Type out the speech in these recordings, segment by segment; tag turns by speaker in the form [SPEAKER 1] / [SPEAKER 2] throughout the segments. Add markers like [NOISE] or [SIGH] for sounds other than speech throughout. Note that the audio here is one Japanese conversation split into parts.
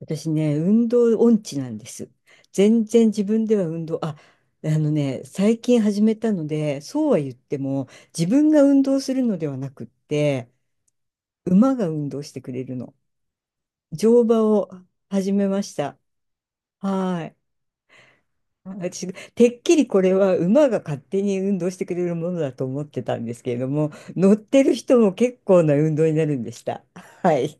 [SPEAKER 1] 私ね、運動音痴なんです。全然自分では運動、あ、最近始めたので、そうは言っても、自分が運動するのではなくって、馬が運動してくれるの。乗馬を始めました。はい。私、てっきりこれは馬が勝手に運動してくれるものだと思ってたんですけれども、乗ってる人も結構な運動になるんでした。はい。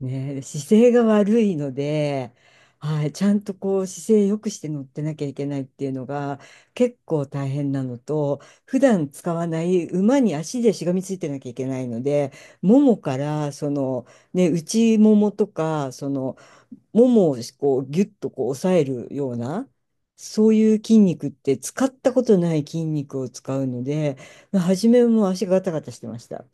[SPEAKER 1] ねえ、姿勢が悪いので、はい、ちゃんとこう姿勢良くして乗ってなきゃいけないっていうのが結構大変なのと、普段使わない馬に足でしがみついてなきゃいけないので、ももからね、内ももとか、ももをこうギュッとこう押さえるような、そういう筋肉って使ったことない筋肉を使うので、初めも足がガタガタしてました。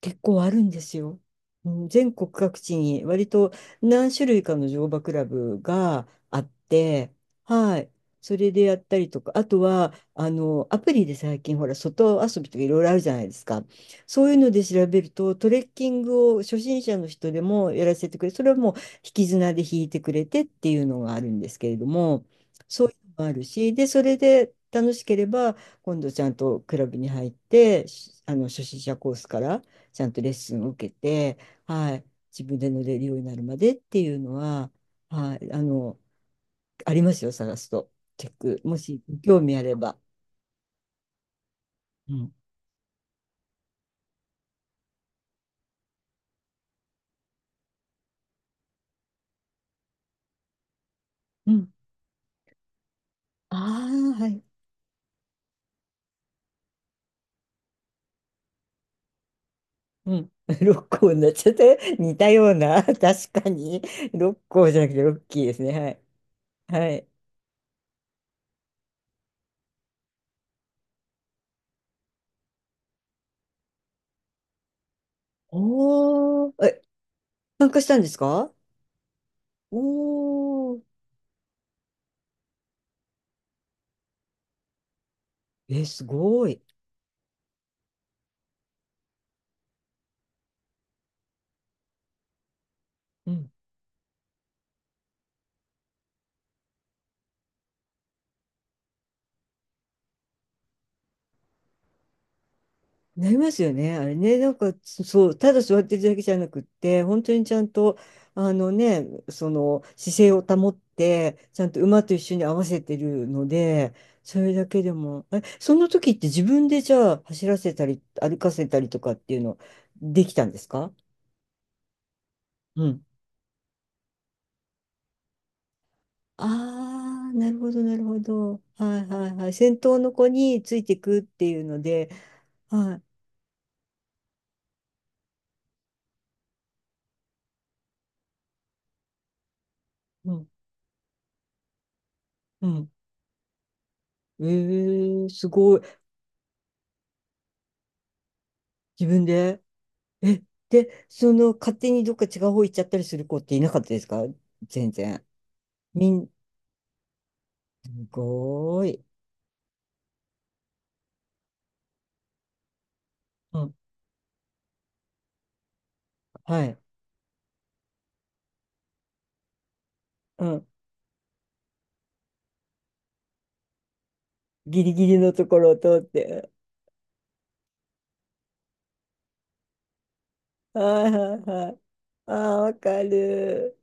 [SPEAKER 1] 結構あるんですよ。うん、全国各地に割と何種類かの乗馬クラブがあって、はい。それでやったりとか、あとは、アプリで最近、ほら、外遊びとかいろいろあるじゃないですか。そういうので調べると、トレッキングを初心者の人でもやらせてくれ、それはもう引き綱で引いてくれてっていうのがあるんですけれども、そういうのもあるし、で、それで楽しければ、今度ちゃんとクラブに入って、しあの、初心者コースから、ちゃんとレッスンを受けて、はい、自分で乗れるようになるまでっていうのは、はい、ありますよ、探すと。チェック。もし、興味あれば。うん。うん。ああ、はい。うん。[LAUGHS] 六甲になっちゃって、似たような、[LAUGHS] 確かに。六甲じゃなくてロッキーですね。はい。はい。おー。え、参加したんですか？おー。え、すごい。うん、なりますよね。あれね、なんかそう、ただ座ってるだけじゃなくって、本当にちゃんと、その姿勢を保って、ちゃんと馬と一緒に合わせてるので、それだけでも、え、その時って自分でじゃあ走らせたり、歩かせたりとかっていうのできたんですか？うん。ああ、なるほど、なるほど。はいはいはい。先頭の子についていくっていうので、はい。うん、うん。ええ、すごい。自分で。え、で、勝手にどっか違う方行っちゃったりする子っていなかったですか？全然。みん、すごーい。うん。はい。うん。ギリギリのところを通って。はいはいはい。ああ、わかる。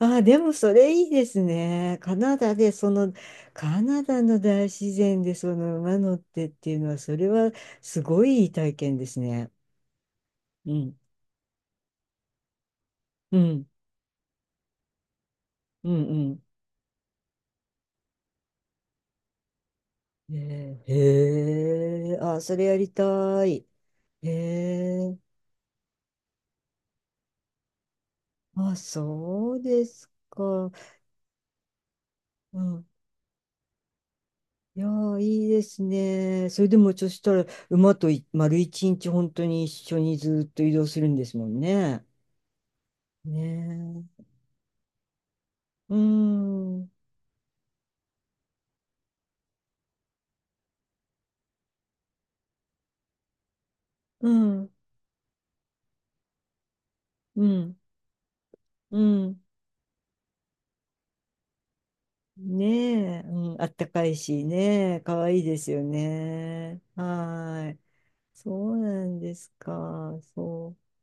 [SPEAKER 1] ああ、でもそれいいですね。カナダで、カナダの大自然でその馬乗ってっていうのは、それはすごいいい体験ですね。うん。うん。うん、うん。ねえ、へえ、あ、それやりたい。へえ、あ、そうですか。うん。いやー、いいですね。それでも、そしたら、馬と丸一日、本当に一緒にずっと移動するんですもんね。ねえ。うん、うん、うん、うん。ねえ、うん、あったかいしね、かわいいですよね。はーい。そうなんですか。そう。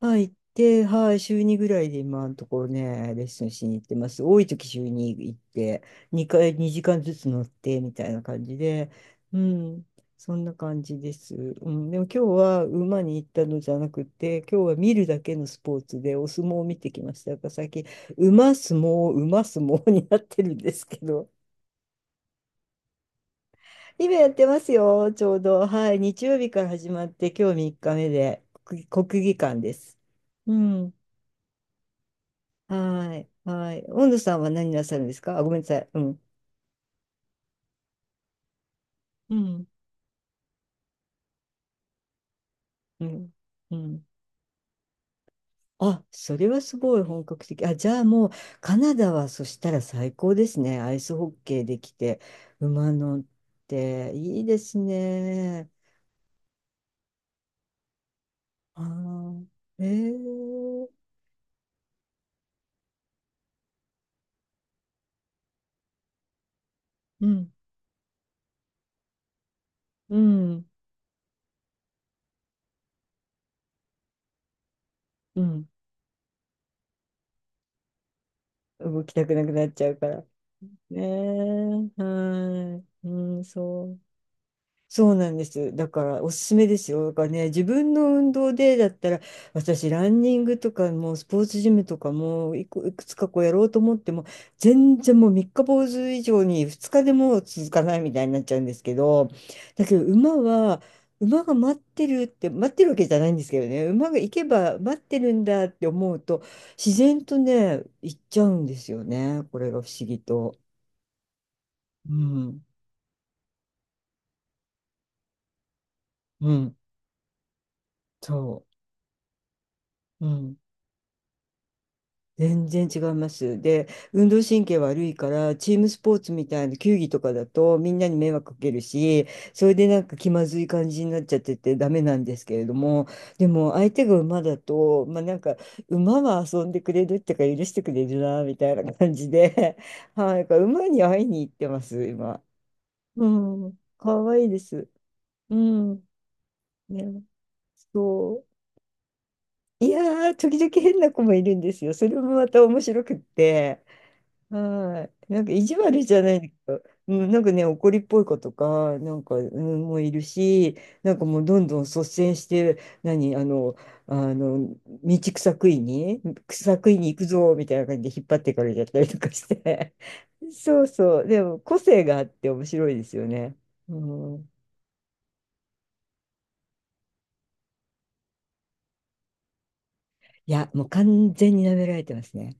[SPEAKER 1] はい、行って、はい、週2ぐらいで今のところね、レッスンしに行ってます。多い時週2行って、2回、2時間ずつ乗ってみたいな感じで、うん、そんな感じです。うん、でも今日は馬に行ったのじゃなくて、今日は見るだけのスポーツでお相撲を見てきました。だから最近、馬相撲、馬相撲になってるんですけど、今やってますよ、ちょうど。はい、日曜日から始まって、今日3日目で、国技館です。うん、はい。はい。温度さんは何なさるんですか？あ、ごめんなさい。うん。うん。うん。うん。あ、それはすごい本格的。あ、じゃあもう、カナダはそしたら最高ですね。アイスホッケーできて、馬乗って、いいですね。ああ、えー、うん。うん。うん。動きたくなくなっちゃうから。ねえ、はい。うん、そう。そうなんです。だからおすすめですよ。だからね、自分の運動でだったら、私、ランニングとかも、スポーツジムとかも、いく、いくつかこうやろうと思っても、全然もう三日坊主以上に二日でも続かないみたいになっちゃうんですけど、だけど馬は、馬が待ってるって、待ってるわけじゃないんですけどね、馬が行けば待ってるんだって思うと、自然とね、行っちゃうんですよね。これが不思議と。うん、うん、そう。うん、全然違います。で、運動神経悪いから、チームスポーツみたいな球技とかだと、みんなに迷惑かけるし、それでなんか気まずい感じになっちゃっててダメなんですけれども、でも相手が馬だと、まあなんか、馬は遊んでくれるってか許してくれるな、みたいな感じで、[LAUGHS] はい、だから馬に会いに行ってます、今。うん、かわいいです。うん、ね、そう。いやー、時々変な子もいるんですよ。それもまた面白くって。はい。なんか意地悪じゃないんだけど、うん、なんかね、怒りっぽい子とか、なんか、うん、もういるし、なんかもうどんどん率先して、何、あの、あの、道草食いに、草食いに行くぞ、みたいな感じで引っ張ってかれちゃったりとかして。[LAUGHS] そうそう。でも、個性があって面白いですよね。うん。いや、もう完全に舐められてますね。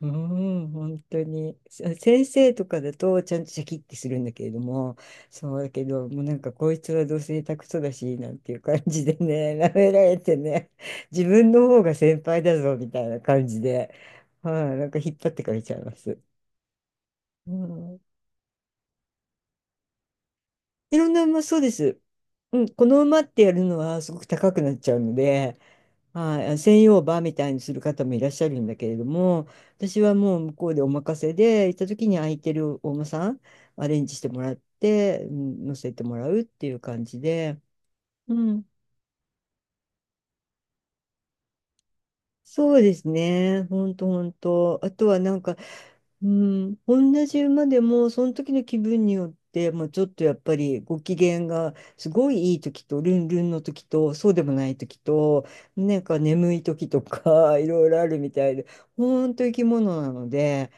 [SPEAKER 1] うん、本当に。先生とかだとちゃんとシャキッてするんだけれども、そうだけど、もうなんかこいつはどうせ下手くそだし、なんていう感じでね、[LAUGHS] 舐められてね、自分の方が先輩だぞみたいな感じで、はい、なんか引っ張ってかれちゃいます。うん、いろんな馬、そうです。うん、この馬ってやるのはすごく高くなっちゃうので、はい、専用バーみたいにする方もいらっしゃるんだけれども、私はもう向こうでお任せで、行った時に空いてるお馬さん、アレンジしてもらって、うん、乗せてもらうっていう感じで、うん、そうですね、ほんとほんと。あとはなんか、うん、同じ馬でもその時の気分によって、もうちょっとやっぱりご機嫌がすごいいい時とルンルンの時とそうでもない時となんか眠い時とか [LAUGHS] いろいろあるみたいで、本当生き物なので、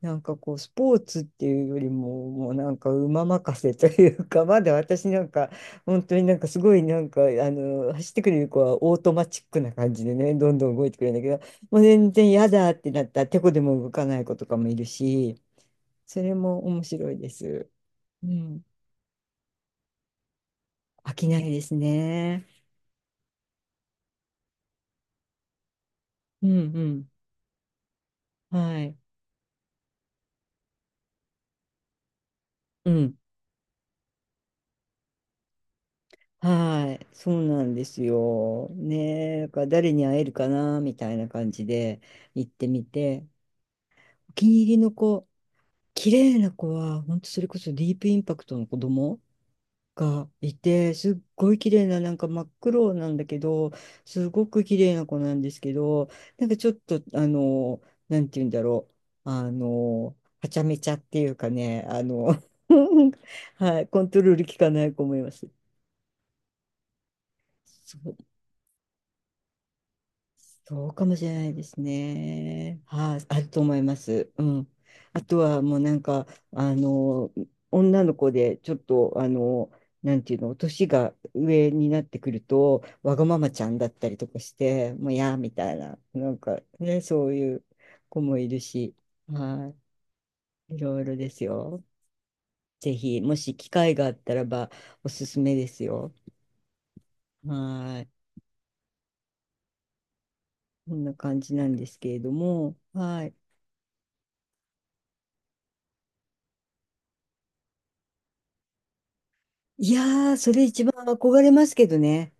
[SPEAKER 1] なんかこう、スポーツっていうよりも、もうなんか馬任せというか、まだ私なんか、本当になんかすごいなんか、走ってくれる子はオートマチックな感じでね、どんどん動いてくれるんだけど、もう全然嫌だってなったら、てこでも動かない子とかもいるし、それも面白いです。うん。飽きないですね。うん、うん。はい。うん。はい。そうなんですよ。ねえ、だから誰に会えるかな、みたいな感じで行ってみて。お気に入りの子、綺麗な子は、本当それこそディープインパクトの子供がいて、すっごい綺麗な、なんか真っ黒なんだけど、すごく綺麗な子なんですけど、なんかちょっと、なんて言うんだろう、はちゃめちゃっていうかね、[LAUGHS] はい、コントロール効かない子もいます。そう、そうかもしれないですね。はい、あると思います。うん。あとはもうなんか、女の子でちょっと、なんていうの、年が上になってくると、わがままちゃんだったりとかして、もうやーみたいな、なんかね、そういう子もいるし、はい、いろいろですよ。ぜひ、もし機会があったらば、おすすめですよ。はい、こんな感じなんですけれども、はい。いやー、それ一番憧れますけどね。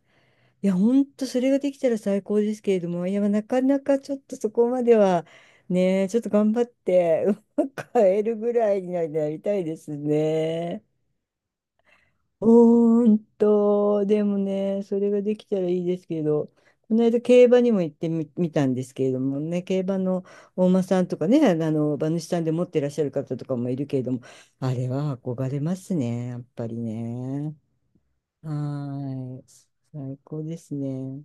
[SPEAKER 1] いや、ほんとそれができたら最高ですけれども、いや、なかなかちょっとそこまでは、ね、ちょっと頑張って、うまく会えるぐらいになりたいですね。ほんと、でもね、それができたらいいですけど、この間競馬にも行ってみ、見たんですけれどもね、競馬の大間さんとかね、馬主さんで持ってらっしゃる方とかもいるけれども、あれは憧れますね、やっぱりね。はーい。最高ですね。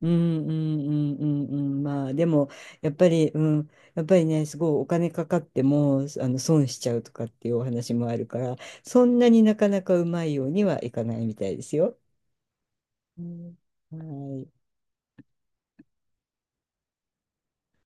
[SPEAKER 1] うん、うん、うん、うん、うん。まあでも、やっぱり、うん、やっぱりね、すごいお金かかっても、損しちゃうとかっていうお話もあるから、そんなになかなかうまいようにはいかないみたいですよ。うん、はい。